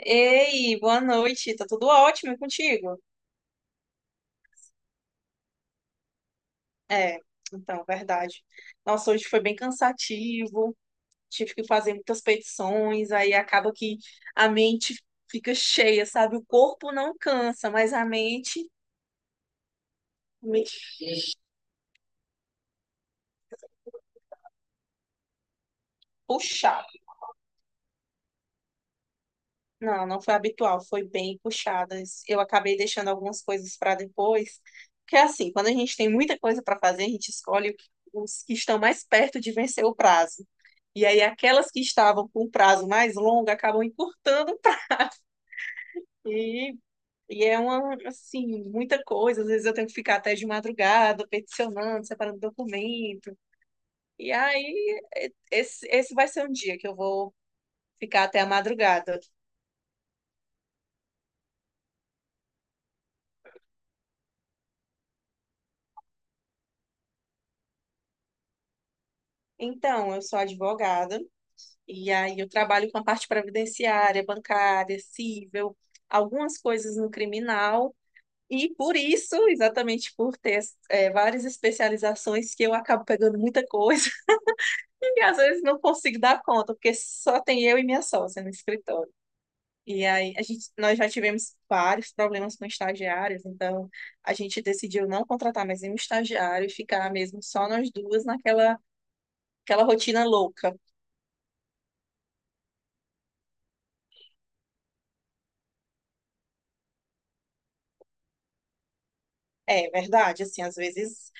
Ei, boa noite. Tá tudo ótimo e contigo? É, então, verdade. Nossa, hoje foi bem cansativo. Tive que fazer muitas petições, aí acaba que a mente fica cheia, sabe? O corpo não cansa, mas a mente, mente puxa. Não, não foi habitual, foi bem puxadas. Eu acabei deixando algumas coisas para depois, porque assim, quando a gente tem muita coisa para fazer, a gente escolhe os que estão mais perto de vencer o prazo. E aí aquelas que estavam com um prazo mais longo acabam encurtando e, e é uma assim, muita coisa. Às vezes eu tenho que ficar até de madrugada peticionando, separando documento. E aí esse vai ser um dia que eu vou ficar até a madrugada. Então, eu sou advogada. E aí eu trabalho com a parte previdenciária, bancária, cível, algumas coisas no criminal. E por isso, exatamente por ter várias especializações, que eu acabo pegando muita coisa e às vezes não consigo dar conta, porque só tem eu e minha sócia no escritório. E aí a gente, nós já tivemos vários problemas com estagiários, então a gente decidiu não contratar mais nenhum estagiário e ficar mesmo só nós duas naquela aquela rotina louca. É verdade, assim, às vezes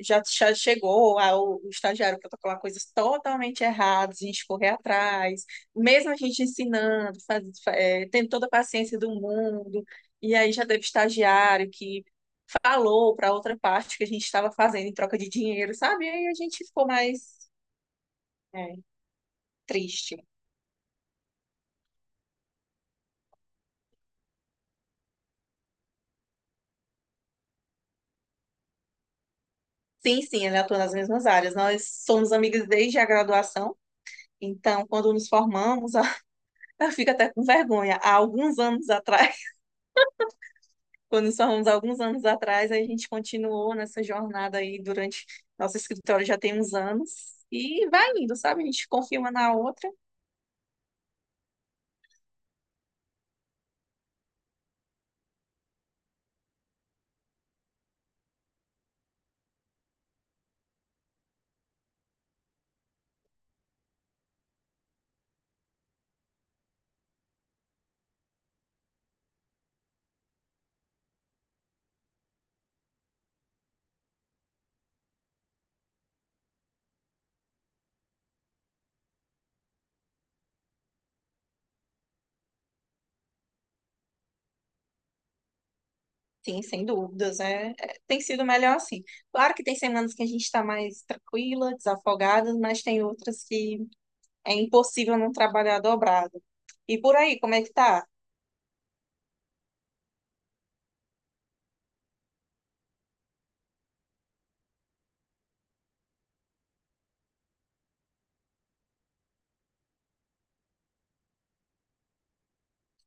já chegou ah, o estagiário protocolar coisas totalmente erradas, a gente correr atrás, mesmo a gente ensinando, tendo toda a paciência do mundo, e aí já teve estagiário que falou para outra parte que a gente estava fazendo em troca de dinheiro, sabe? E aí a gente ficou mais eh, triste. Sim, sim, ele atua nas mesmas áreas. Nós somos amigas desde a graduação, então quando nos formamos, ela fica até com vergonha. Há alguns anos atrás, quando somos alguns anos atrás, a gente continuou nessa jornada aí durante nosso escritório já tem uns anos e vai indo, sabe? A gente confia uma na outra. Sim, sem dúvidas, tem sido melhor assim. Claro que tem semanas que a gente está mais tranquila, desafogada, mas tem outras que é impossível não trabalhar dobrado. E por aí, como é que tá?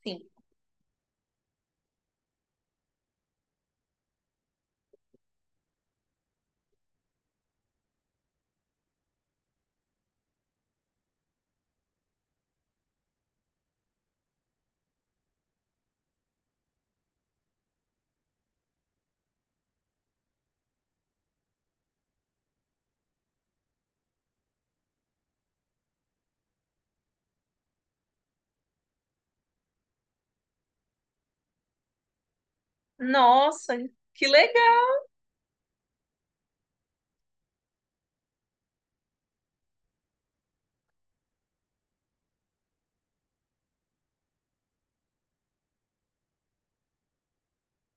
Sim. Nossa, que legal!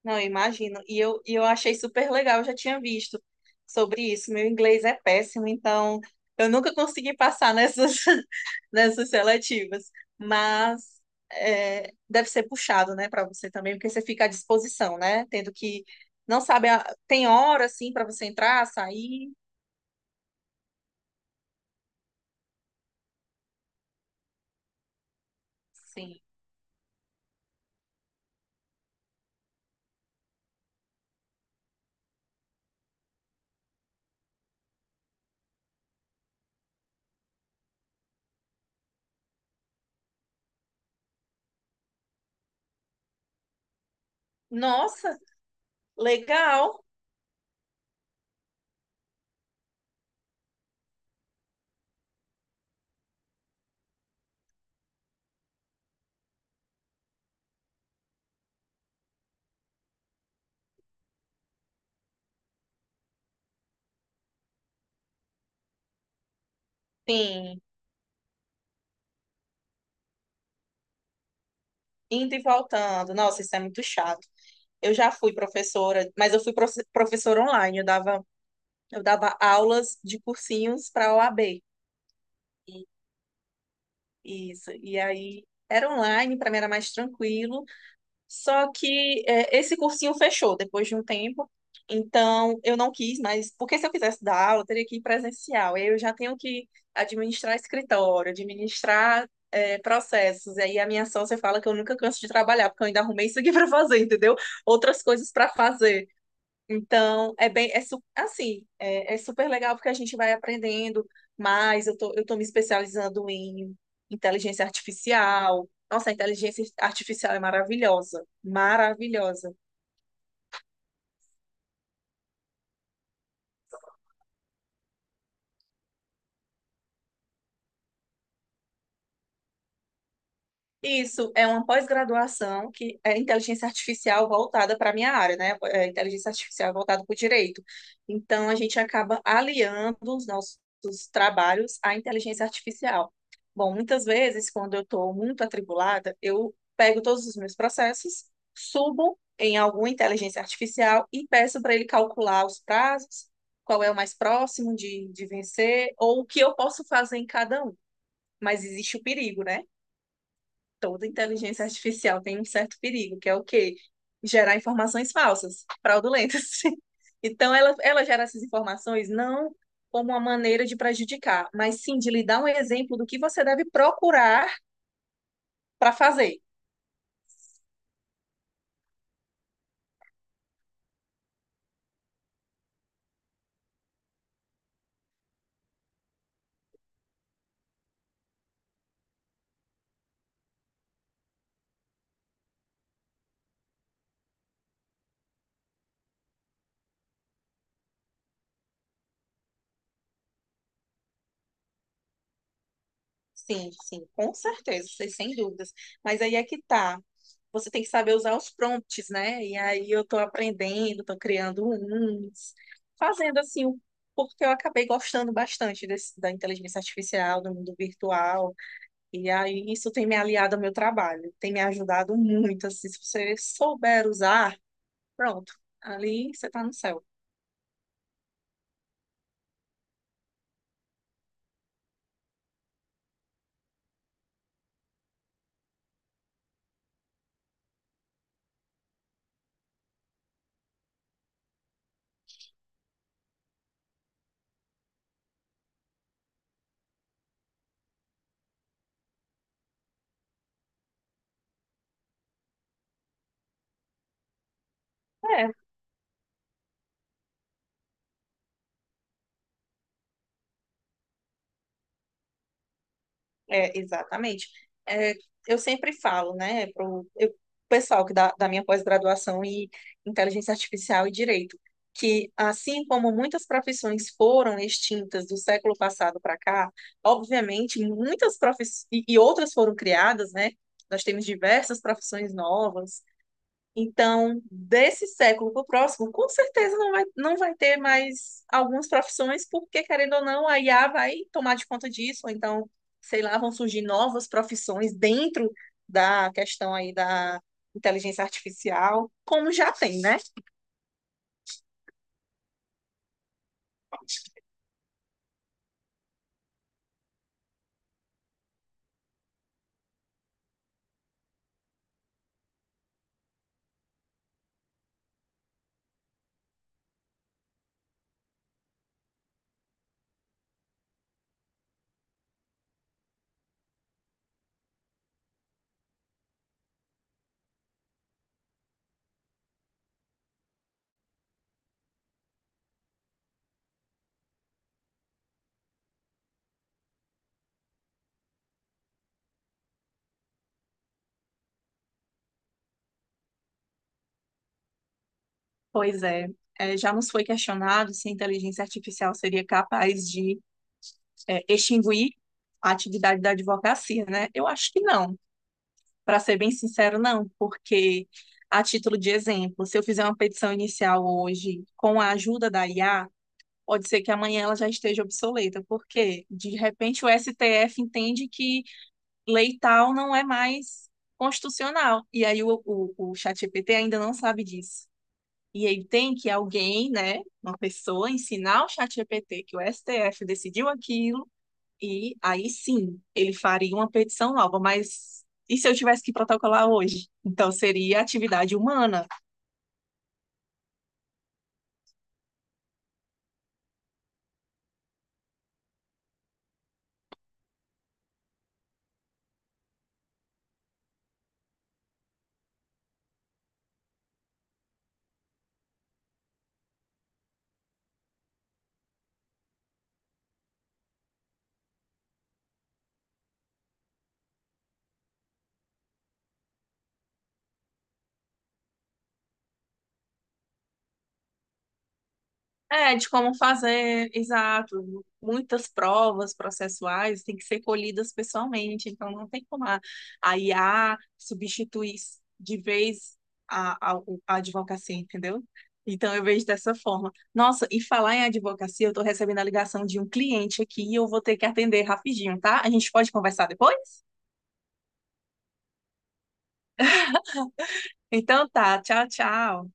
Não, eu imagino. E eu achei super legal, eu já tinha visto sobre isso. Meu inglês é péssimo, então eu nunca consegui passar nessas, nessas seletivas. Mas é, deve ser puxado, né, para você também, porque você fica à disposição, né? Tendo que. Não sabe, a- tem hora, assim, para você entrar, sair. Sim. Nossa, legal. Sim, indo e voltando. Nossa, isso é muito chato. Eu já fui professora, mas eu fui professora online, eu dava. Eu dava aulas de cursinhos para a OAB. E- Isso. E aí era online, para mim era mais tranquilo. Só que é, esse cursinho fechou depois de um tempo. Então eu não quis mas porque se eu quisesse dar aula, eu teria que ir presencial. Eu já tenho que administrar escritório, administrar processos. E aí a minha sócia fala que eu nunca canso de trabalhar, porque eu ainda arrumei isso aqui para fazer, entendeu? Outras coisas para fazer. Então, é bem, assim, é super legal porque a gente vai aprendendo mais. Eu tô me especializando em inteligência artificial. Nossa, a inteligência artificial é maravilhosa, maravilhosa. Isso é uma pós-graduação que é inteligência artificial voltada para a minha área, né? É inteligência artificial voltada para o direito. Então, a gente acaba aliando os nossos trabalhos à inteligência artificial. Bom, muitas vezes, quando eu estou muito atribulada, eu pego todos os meus processos, subo em alguma inteligência artificial e peço para ele calcular os prazos, qual é o mais próximo de vencer, ou o que eu posso fazer em cada um. Mas existe o perigo, né? Toda inteligência artificial tem um certo perigo, que é o quê? Gerar informações falsas, fraudulentas. Então, ela gera essas informações não como uma maneira de prejudicar, mas sim de lhe dar um exemplo do que você deve procurar para fazer. Sim, sim, com certeza, sem dúvidas. Mas aí é que tá. Você tem que saber usar os prompts, né? E aí eu tô aprendendo, tô criando uns, fazendo assim, o- porque eu acabei gostando bastante desse- da inteligência artificial, do mundo virtual. E aí isso tem me aliado ao meu trabalho, tem me ajudado muito, assim, se você souber usar, pronto, ali você tá no céu. É. É, exatamente. É, eu sempre falo, né, para o pessoal que dá, da minha pós-graduação em inteligência artificial e direito, que assim como muitas profissões foram extintas do século passado para cá, obviamente muitas profissões e outras foram criadas, né? Nós temos diversas profissões novas, então, desse século para o próximo, com certeza não vai ter mais algumas profissões, porque, querendo ou não, a IA vai tomar de conta disso, ou então, sei lá, vão surgir novas profissões dentro da questão aí da inteligência artificial, como já tem, né? Pois é, é, já nos foi questionado se a inteligência artificial seria capaz extinguir a atividade da advocacia, né? Eu acho que não. Para ser bem sincero, não, porque a título de exemplo, se eu fizer uma petição inicial hoje com a ajuda da IA, pode ser que amanhã ela já esteja obsoleta, porque de repente o STF entende que lei tal não é mais constitucional, e aí o ChatGPT ainda não sabe disso. E aí tem que alguém, né, uma pessoa, ensinar o ChatGPT que o STF decidiu aquilo e aí sim, ele faria uma petição nova, mas e se eu tivesse que protocolar hoje? Então seria atividade humana. É, de como fazer, exato. Muitas provas processuais têm que ser colhidas pessoalmente, então não tem como a IA substituir de vez a, a, a advocacia, entendeu? Então eu vejo dessa forma. Nossa, e falar em advocacia, eu estou recebendo a ligação de um cliente aqui e eu vou ter que atender rapidinho, tá? A gente pode conversar depois? Então tá, tchau, tchau.